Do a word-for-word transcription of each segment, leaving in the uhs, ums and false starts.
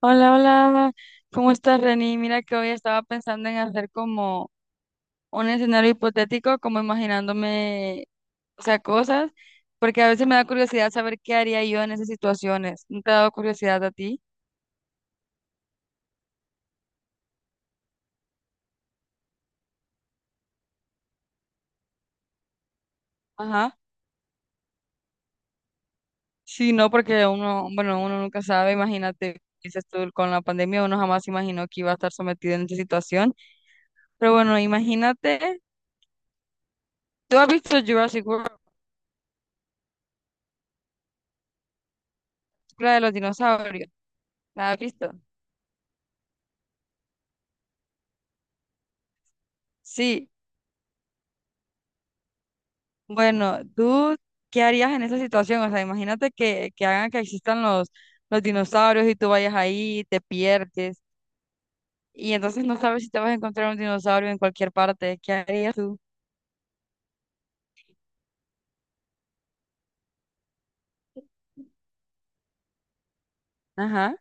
Hola, hola, ¿cómo estás, Reni? Mira que hoy estaba pensando en hacer como un escenario hipotético, como imaginándome, o sea, cosas, porque a veces me da curiosidad saber qué haría yo en esas situaciones. ¿No te ha dado curiosidad a ti? Ajá. Sí, no, porque uno, bueno, uno nunca sabe, imagínate, dices tú, con la pandemia uno jamás imaginó que iba a estar sometido en esa situación, pero bueno, imagínate, ¿tú has visto Jurassic World, la de los dinosaurios? ¿La has visto? Sí. Bueno, ¿tú qué harías en esa situación? O sea, imagínate que, que hagan que existan los, los dinosaurios y tú vayas ahí, te pierdes y entonces no sabes si te vas a encontrar un dinosaurio en cualquier parte. ¿Qué harías tú? Ajá,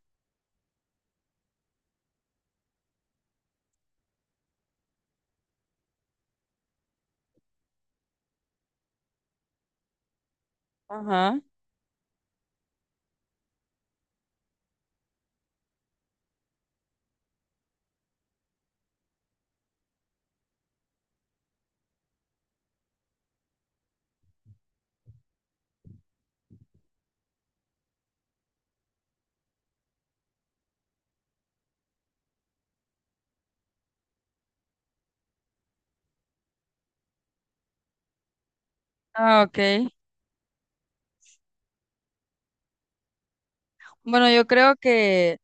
ajá. Ah, ok. Bueno, yo creo que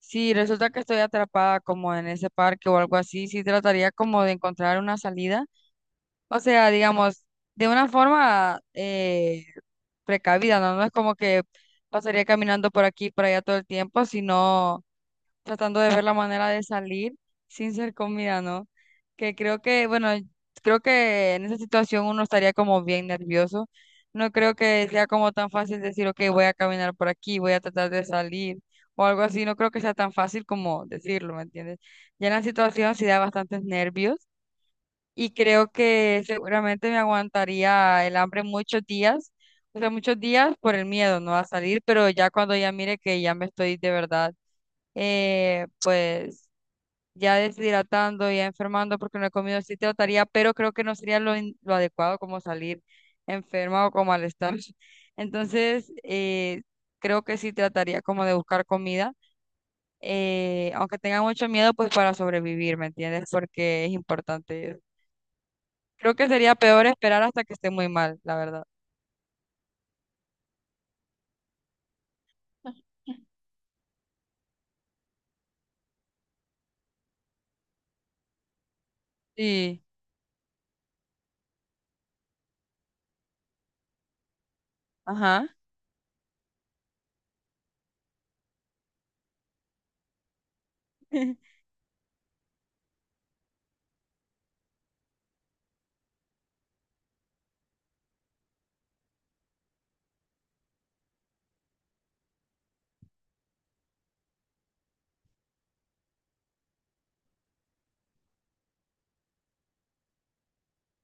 si resulta que estoy atrapada como en ese parque o algo así, sí trataría como de encontrar una salida. O sea, digamos, de una forma eh, precavida, ¿no? No es como que pasaría caminando por aquí, por allá todo el tiempo, sino tratando de ver la manera de salir sin ser comida, ¿no? Que creo que, bueno, creo que en esa situación uno estaría como bien nervioso. No creo que sea como tan fácil decir, ok, voy a caminar por aquí, voy a tratar de salir o algo así. No creo que sea tan fácil como decirlo, ¿me entiendes? Ya en la situación sí da bastantes nervios y creo que seguramente me aguantaría el hambre muchos días, o sea, muchos días por el miedo, ¿no? A salir, pero ya cuando ya mire que ya me estoy de verdad, eh, pues ya deshidratando, ya enfermando porque no he comido, sí trataría, pero creo que no sería lo, in- lo adecuado como salir enferma o con malestar. Entonces, eh, creo que sí trataría como de buscar comida. Eh, aunque tenga mucho miedo, pues para sobrevivir, ¿me entiendes? Porque es importante eso. Creo que sería peor esperar hasta que esté muy mal, la verdad. Sí, ajá,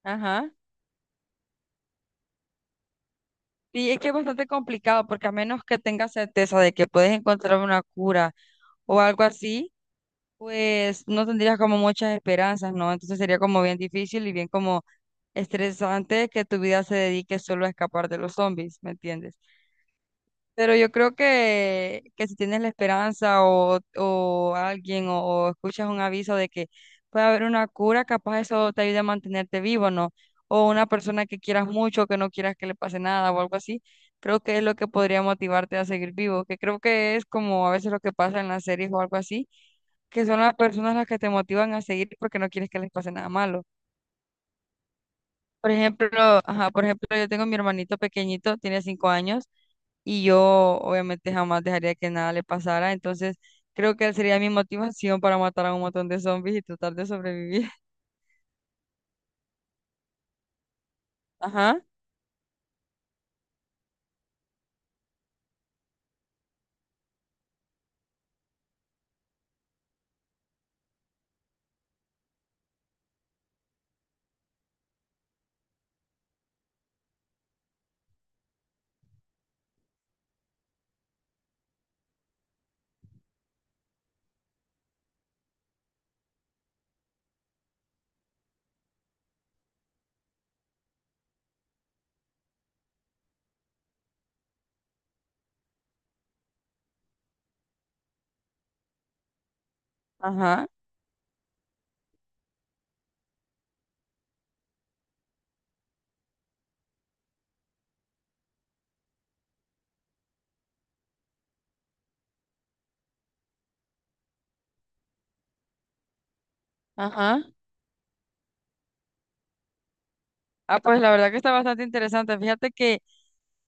ajá. Sí, es que es bastante complicado porque a menos que tengas certeza de que puedes encontrar una cura o algo así, pues no tendrías como muchas esperanzas, ¿no? Entonces sería como bien difícil y bien como estresante que tu vida se dedique solo a escapar de los zombies, ¿me entiendes? Pero yo creo que, que si tienes la esperanza o, o alguien o, o escuchas un aviso de que puede haber una cura, capaz eso te ayude a mantenerte vivo, ¿no? O una persona que quieras mucho, que no quieras que le pase nada o algo así, creo que es lo que podría motivarte a seguir vivo, que creo que es como a veces lo que pasa en las series o algo así, que son las personas las que te motivan a seguir porque no quieres que les pase nada malo. Por ejemplo, ajá, por ejemplo, yo tengo mi hermanito pequeñito, tiene cinco años, y yo obviamente jamás dejaría que nada le pasara, entonces creo que él sería mi motivación para matar a un montón de zombies y tratar de sobrevivir. Ajá, ajá, ajá. Ah, pues la verdad que está bastante interesante. Fíjate que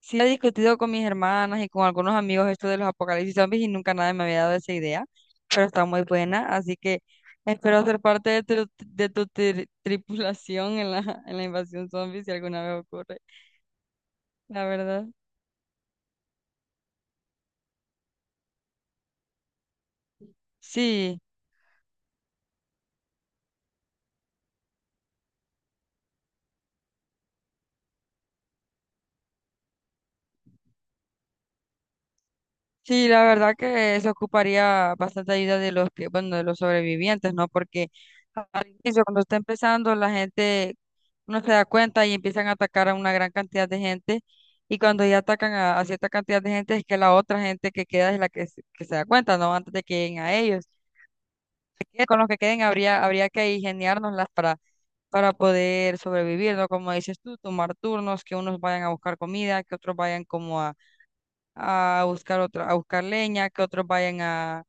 sí he discutido con mis hermanas y con algunos amigos esto de los apocalipsis zombies y nunca nadie me había dado esa idea, pero está muy buena, así que espero ser parte de tu, de tu tri- tripulación en la, en la invasión zombie si alguna vez ocurre, la verdad. Sí, sí, la verdad que eso ocuparía bastante ayuda de los que, bueno, de los sobrevivientes, ¿no? Porque al inicio, cuando está empezando, la gente no se da cuenta y empiezan a atacar a una gran cantidad de gente. Y cuando ya atacan a, a cierta cantidad de gente, es que la otra gente que queda es la que, se- que se da cuenta, ¿no? Antes de que lleguen a ellos. Con los que queden habría, habría que ingeniárnoslas para, para poder sobrevivir, ¿no? Como dices tú, tomar turnos, que unos vayan a buscar comida, que otros vayan como a, a buscar otra, a buscar leña, que otros vayan a,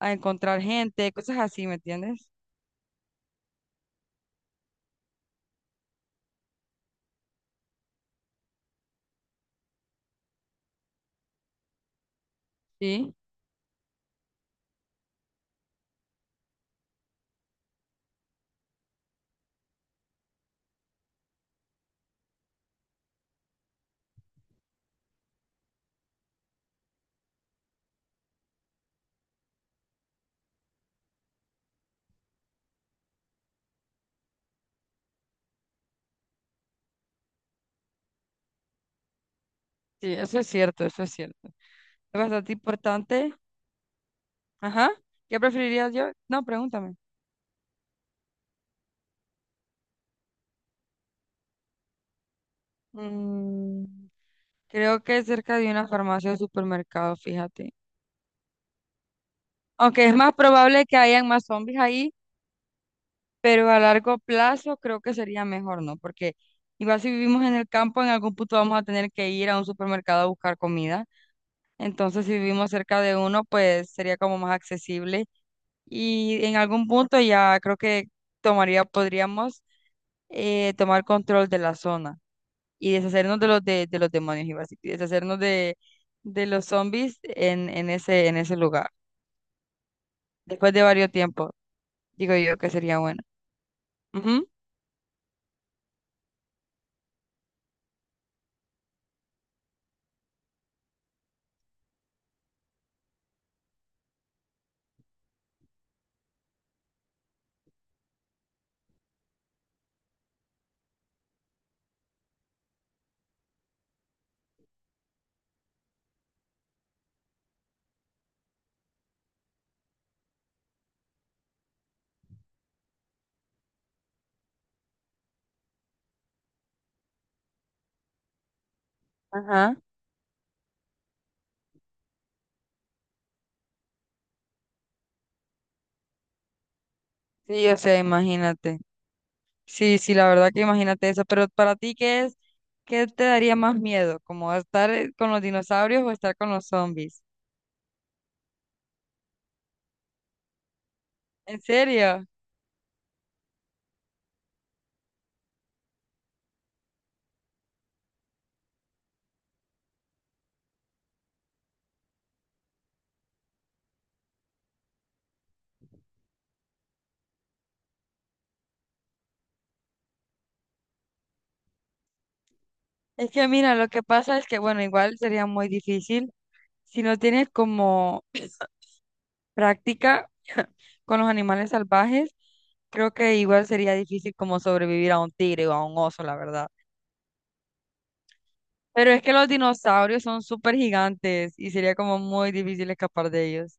a encontrar gente, cosas así, ¿me entiendes? Sí, sí, eso es cierto, eso es cierto. Es bastante importante. Ajá. ¿Qué preferirías yo? No, pregúntame. Mm, creo que cerca de una farmacia o supermercado, fíjate. Aunque es más probable que hayan más zombies ahí, pero a largo plazo creo que sería mejor, ¿no? Porque igual si vivimos en el campo, en algún punto vamos a tener que ir a un supermercado a buscar comida. Entonces, si vivimos cerca de uno, pues sería como más accesible. Y en algún punto ya creo que tomaría, podríamos eh, tomar control de la zona y deshacernos de los, de, de los demonios, iba a decir, y deshacernos de, de los zombies en, en ese, en ese lugar. Después de varios tiempos, digo yo que sería bueno. Ujú, ajá. Sí, o sea, imagínate. Sí, sí, la verdad que imagínate eso. Pero para ti, ¿qué es? ¿Qué te daría más miedo? ¿Como estar eh, con los dinosaurios o estar con los zombies? ¿En serio? Es que mira, lo que pasa es que, bueno, igual sería muy difícil si no tienes como práctica con los animales salvajes, creo que igual sería difícil como sobrevivir a un tigre o a un oso, la verdad. Pero es que los dinosaurios son súper gigantes y sería como muy difícil escapar de ellos.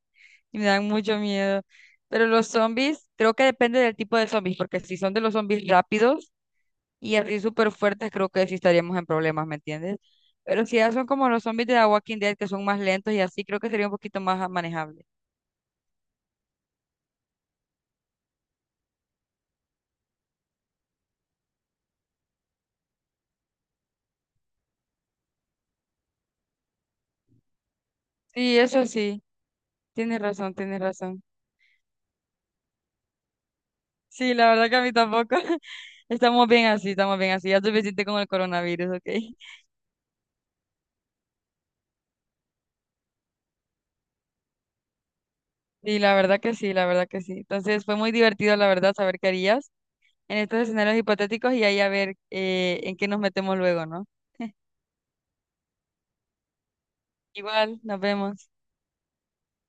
Y me dan mucho miedo. Pero los zombies, creo que depende del tipo de zombies, porque si son de los zombies rápidos y así súper fuertes, creo que sí estaríamos en problemas, ¿me entiendes? Pero si ya son como los zombies de The Walking Dead, que son más lentos y así, creo que sería un poquito más manejable. Sí, eso sí, tienes razón, tienes razón. Sí, la verdad que a mí tampoco. Estamos bien así, estamos bien así. Ya es suficiente con el coronavirus, ¿ok? Sí, la verdad que sí, la verdad que sí. Entonces fue muy divertido, la verdad, saber qué harías en estos escenarios hipotéticos y ahí a ver eh, en qué nos metemos luego, ¿no? Igual, nos vemos.